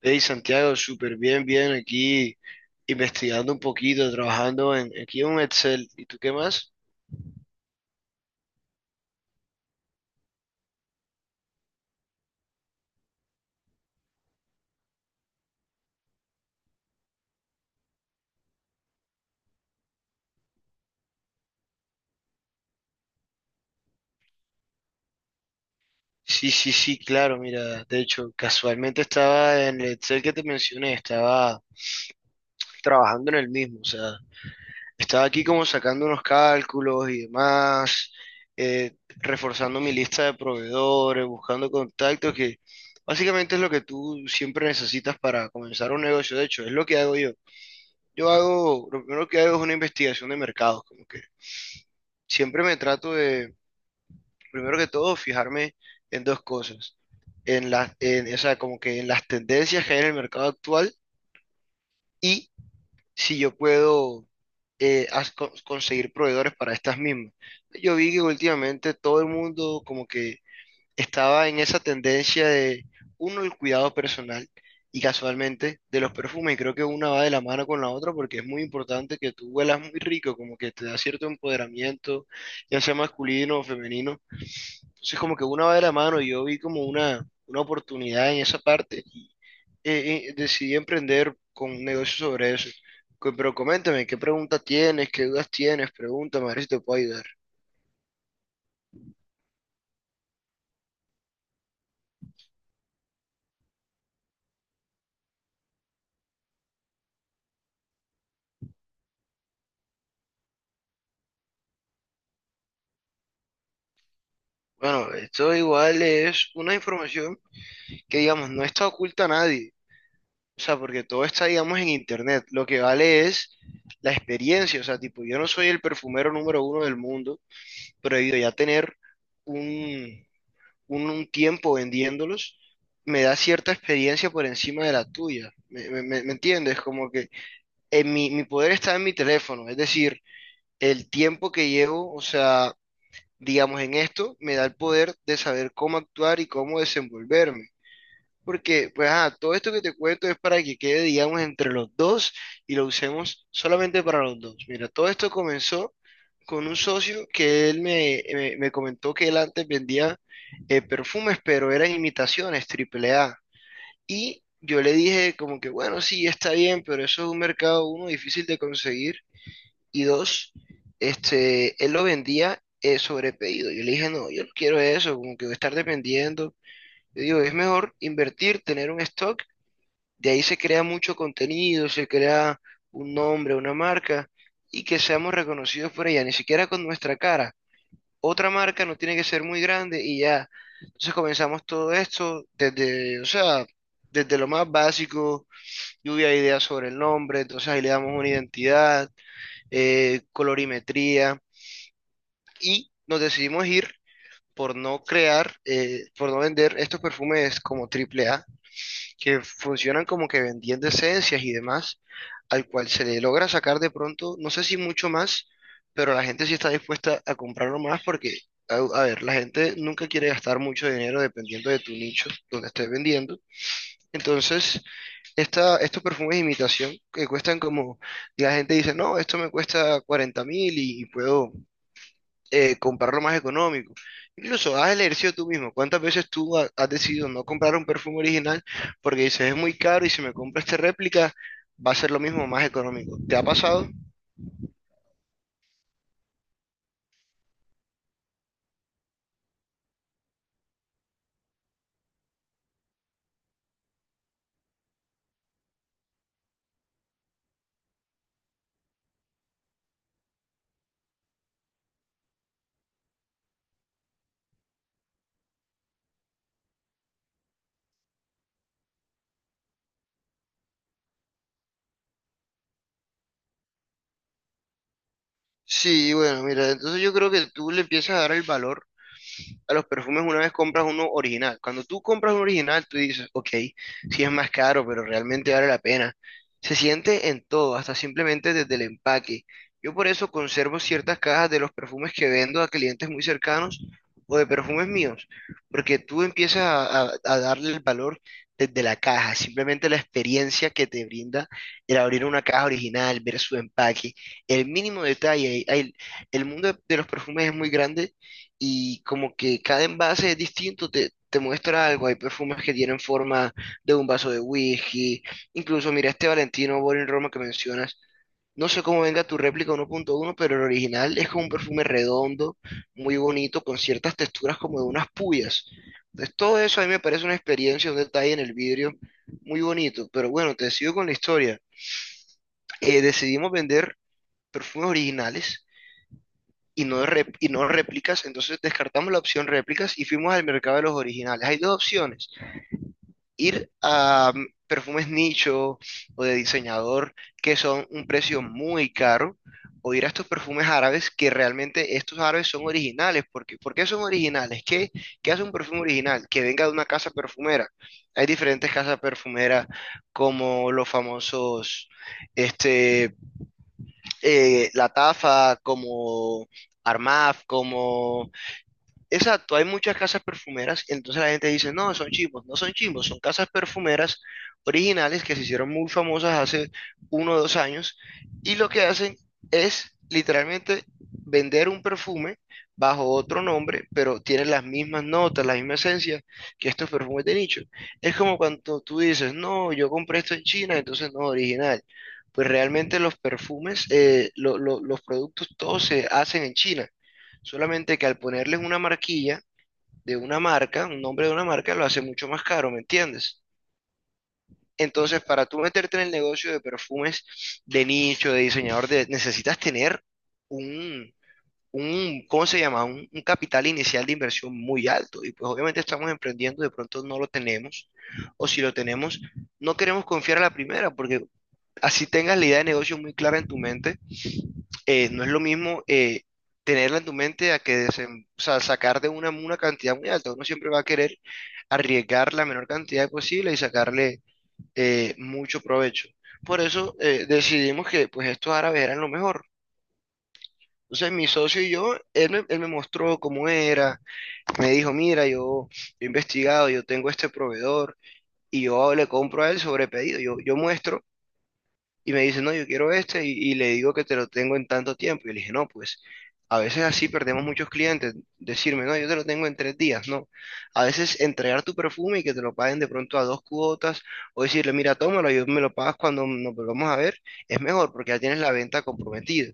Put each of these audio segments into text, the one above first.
Hey Santiago, súper bien, bien aquí investigando un poquito, trabajando en aquí en un Excel. ¿Y tú qué más? Sí, sí, sí, claro, mira, de hecho, casualmente estaba en el Excel que te mencioné, estaba trabajando en el mismo, o sea, estaba aquí como sacando unos cálculos y demás, reforzando mi lista de proveedores, buscando contactos, que básicamente es lo que tú siempre necesitas para comenzar un negocio, de hecho, es lo que hago yo. Yo hago, lo primero que hago es una investigación de mercados, siempre me trato de, primero que todo, fijarme en dos cosas. En las, en, o sea, como que en las tendencias que hay en el mercado actual y si yo puedo conseguir proveedores para estas mismas. Yo vi que últimamente todo el mundo como que estaba en esa tendencia de, uno, el cuidado personal y casualmente de los perfumes. Y creo que una va de la mano con la otra porque es muy importante que tú huelas muy rico, como que te da cierto empoderamiento, ya sea masculino o femenino. Entonces como que una va de la mano y yo vi como una oportunidad en esa parte y decidí emprender con un negocio sobre eso. Pero coméntame, ¿qué preguntas tienes? ¿Qué dudas tienes? Pregúntame, a ver si te puedo ayudar. Bueno, esto igual es una información que digamos, no está oculta a nadie. O sea, porque todo está, digamos, en internet. Lo que vale es la experiencia. O sea, tipo, yo no soy el perfumero número uno del mundo, pero debido ya a tener un, un tiempo vendiéndolos, me da cierta experiencia por encima de la tuya. Me entiendes? Como que en mi poder está en mi teléfono. Es decir, el tiempo que llevo, o sea, digamos, en esto, me da el poder de saber cómo actuar y cómo desenvolverme. Porque, pues, todo esto que te cuento es para que quede, digamos, entre los dos y lo usemos solamente para los dos. Mira, todo esto comenzó con un socio que él me comentó que él antes vendía perfumes, pero eran imitaciones, triple A. Y yo le dije como que, bueno, sí, está bien, pero eso es un mercado, uno, difícil de conseguir. Y dos, este, él lo vendía sobre pedido. Yo le dije, no, yo no quiero eso, como que voy a estar dependiendo. Yo digo, es mejor invertir, tener un stock de ahí se crea mucho contenido, se crea un nombre, una marca y que seamos reconocidos por ella, ni siquiera con nuestra cara. Otra marca no tiene que ser muy grande y ya. Entonces comenzamos todo esto desde, o sea, desde lo más básico, lluvia de ideas sobre el nombre, entonces ahí le damos una identidad, colorimetría y nos decidimos ir por no crear, por no vender estos perfumes como triple A que funcionan como que vendiendo esencias y demás, al cual se le logra sacar de pronto, no sé si mucho más, pero la gente sí está dispuesta a comprarlo más porque, a ver, la gente nunca quiere gastar mucho dinero dependiendo de tu nicho donde estés vendiendo. Entonces, esta, estos perfumes de imitación que cuestan como, y la gente dice, no, esto me cuesta 40.000 y puedo comprarlo más económico. Incluso haz el ejercicio tú mismo. ¿Cuántas veces tú has decidido no comprar un perfume original porque dices es muy caro y si me compro esta réplica va a ser lo mismo más económico? ¿Te ha pasado? Sí, bueno, mira, entonces yo creo que tú le empiezas a dar el valor a los perfumes una vez compras uno original. Cuando tú compras un original, tú dices, ok, sí es más caro, pero realmente vale la pena. Se siente en todo, hasta simplemente desde el empaque. Yo por eso conservo ciertas cajas de los perfumes que vendo a clientes muy cercanos o de perfumes míos, porque tú empiezas a, a darle el valor desde la caja, simplemente la experiencia que te brinda el abrir una caja original, ver su empaque, el mínimo detalle, el mundo de los perfumes es muy grande y como que cada envase es distinto, te muestra algo. Hay perfumes que tienen forma de un vaso de whisky. Incluso, mira, este Valentino Boring Roma que mencionas. No sé cómo venga tu réplica 1.1, pero el original es como un perfume redondo, muy bonito, con ciertas texturas como de unas puyas. Entonces, todo eso a mí me parece una experiencia, un detalle en el vidrio muy bonito. Pero bueno, te sigo con la historia. Decidimos vender perfumes originales y y no réplicas, entonces descartamos la opción réplicas y fuimos al mercado de los originales. Hay dos opciones, ir a perfumes nicho o de diseñador que son un precio muy caro, o ir a estos perfumes árabes que realmente estos árabes son originales. Porque ¿por qué son originales? Qué hace un perfume original? Que venga de una casa perfumera. Hay diferentes casas perfumeras como los famosos, este, La Tafa, como... Armaf, como... Exacto, hay muchas casas perfumeras, entonces la gente dice, no, son chimbos, no son chimbos, son casas perfumeras originales que se hicieron muy famosas hace uno o dos años y lo que hacen es literalmente vender un perfume bajo otro nombre, pero tienen las mismas notas, la misma esencia que estos perfumes de nicho. Es como cuando tú dices, no, yo compré esto en China, entonces no es original. Pues realmente los perfumes, los productos, todos se hacen en China. Solamente que al ponerles una marquilla de una marca, un nombre de una marca, lo hace mucho más caro, ¿me entiendes? Entonces, para tú meterte en el negocio de perfumes de nicho, de diseñador, necesitas tener un, ¿cómo se llama? Un capital inicial de inversión muy alto. Y pues obviamente estamos emprendiendo, de pronto no lo tenemos, o si lo tenemos, no queremos confiar a la primera, porque así tengas la idea de negocio muy clara en tu mente no es lo mismo tenerla en tu mente a que o sea, sacar de una cantidad muy alta. Uno siempre va a querer arriesgar la menor cantidad posible y sacarle mucho provecho. Por eso decidimos que pues estos árabes eran lo mejor. Entonces mi socio y yo, él me mostró cómo era, me dijo, mira, yo he investigado, yo tengo este proveedor y yo le compro a él sobre pedido, yo muestro y me dice, no, yo quiero este y le digo que te lo tengo en tanto tiempo. Y le dije, no, pues a veces así perdemos muchos clientes. Decirme, no, yo te lo tengo en 3 días, no. A veces entregar tu perfume y que te lo paguen de pronto a dos cuotas o decirle, mira, tómalo, yo me lo pagas cuando nos volvamos a ver, es mejor porque ya tienes la venta comprometida.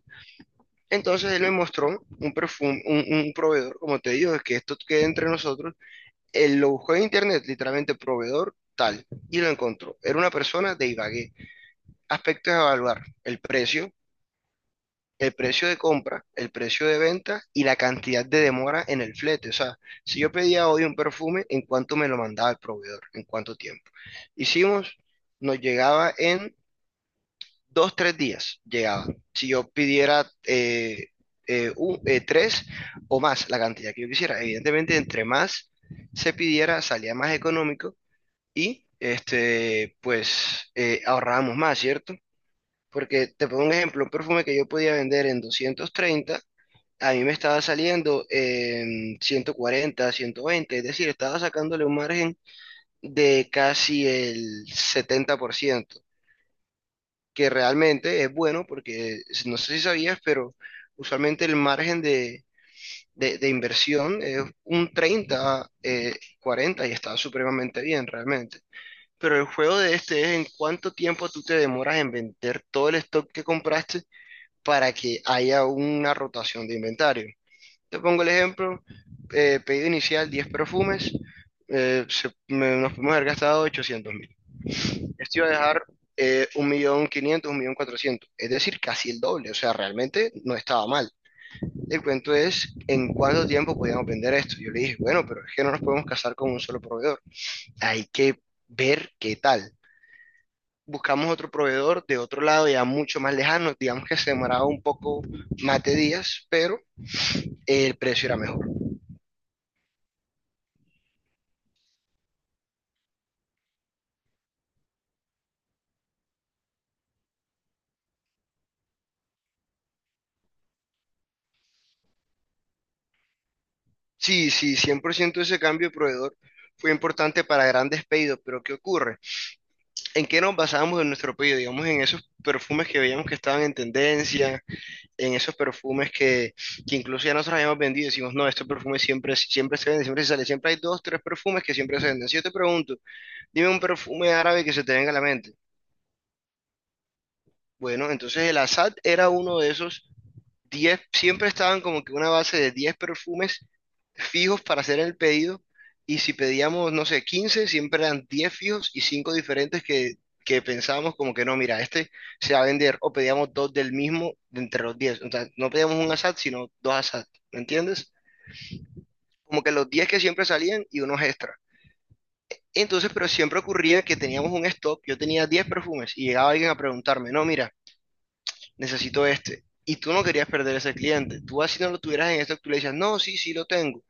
Entonces él me mostró un perfume, un proveedor, como te digo, es que esto quede entre nosotros. Él lo buscó en internet, literalmente proveedor tal, y lo encontró. Era una persona de Ibagué, aspectos a evaluar, el precio de compra, el precio de venta y la cantidad de demora en el flete. O sea, si yo pedía hoy un perfume, ¿en cuánto me lo mandaba el proveedor? ¿En cuánto tiempo? Hicimos, nos llegaba en dos, tres días, llegaba. Si yo pidiera tres o más, la cantidad que yo quisiera. Evidentemente, entre más se pidiera, salía más económico y este, pues ahorrábamos más, ¿cierto? Porque te pongo un ejemplo, un perfume que yo podía vender en 230, a mí me estaba saliendo en 140, 120, es decir, estaba sacándole un margen de casi el 70%, que realmente es bueno porque no sé si sabías, pero usualmente el margen de, de inversión es un 30, 40 y está supremamente bien realmente. Pero el juego de este es en cuánto tiempo tú te demoras en vender todo el stock que compraste para que haya una rotación de inventario. Te pongo el ejemplo, pedido inicial 10 perfumes, nos podemos haber gastado 800 mil. Esto iba a dejar un millón 1.400.000, es decir, casi el doble, o sea, realmente no estaba mal. El cuento es en cuánto tiempo podíamos vender esto. Yo le dije, bueno, pero es que no nos podemos casar con un solo proveedor, hay que ver qué tal. Buscamos otro proveedor de otro lado ya mucho más lejano, digamos que se demoraba un poco más de días, pero el precio era mejor. Sí, sí, 100% ese cambio de proveedor fue importante para grandes pedidos, pero ¿qué ocurre? ¿En qué nos basábamos en nuestro pedido? Digamos, en esos perfumes que veíamos que estaban en tendencia, en esos perfumes que incluso ya nosotros habíamos vendido, decimos, no, estos perfumes siempre, siempre se venden, siempre se sale, siempre hay dos, tres perfumes que siempre se venden. Si yo te pregunto, dime un perfume árabe que se te venga a la mente. Bueno, entonces el Assad era uno de esos 10 siempre estaban como que una base de 10 perfumes fijos para hacer el pedido. Y si pedíamos, no sé, 15 siempre eran 10 fijos y 5 diferentes que pensábamos como que no, mira, este se va a vender. O pedíamos dos del mismo de entre los 10. O sea, no pedíamos un asad, sino dos asad. ¿Me entiendes? Como que los 10 que siempre salían y unos extra. Entonces, pero siempre ocurría que teníamos un stock, yo tenía 10 perfumes y llegaba alguien a preguntarme, no, mira, necesito este. Y tú no querías perder ese cliente. Tú así no lo tuvieras en esto, tú le decías, no, sí, sí lo tengo.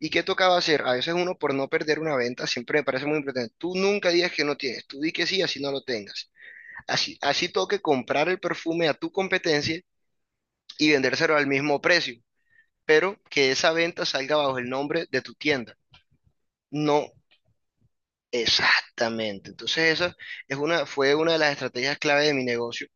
¿Y qué tocaba hacer? A veces uno por no perder una venta, siempre me parece muy importante. Tú nunca digas que no tienes, tú di que sí, así no lo tengas. Así, así toque comprar el perfume a tu competencia y vendérselo al mismo precio, pero que esa venta salga bajo el nombre de tu tienda. No exactamente. Entonces esa es una, fue una de las estrategias clave de mi negocio.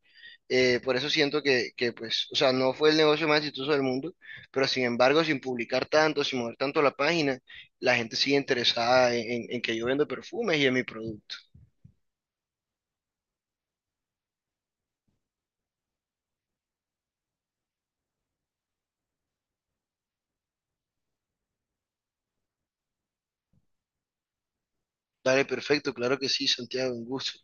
Por eso siento que, pues, o sea, no fue el negocio más exitoso del mundo, pero sin embargo, sin publicar tanto, sin mover tanto la página, la gente sigue interesada en, en que yo vendo perfumes y en mi producto. Dale, perfecto, claro que sí, Santiago, un gusto.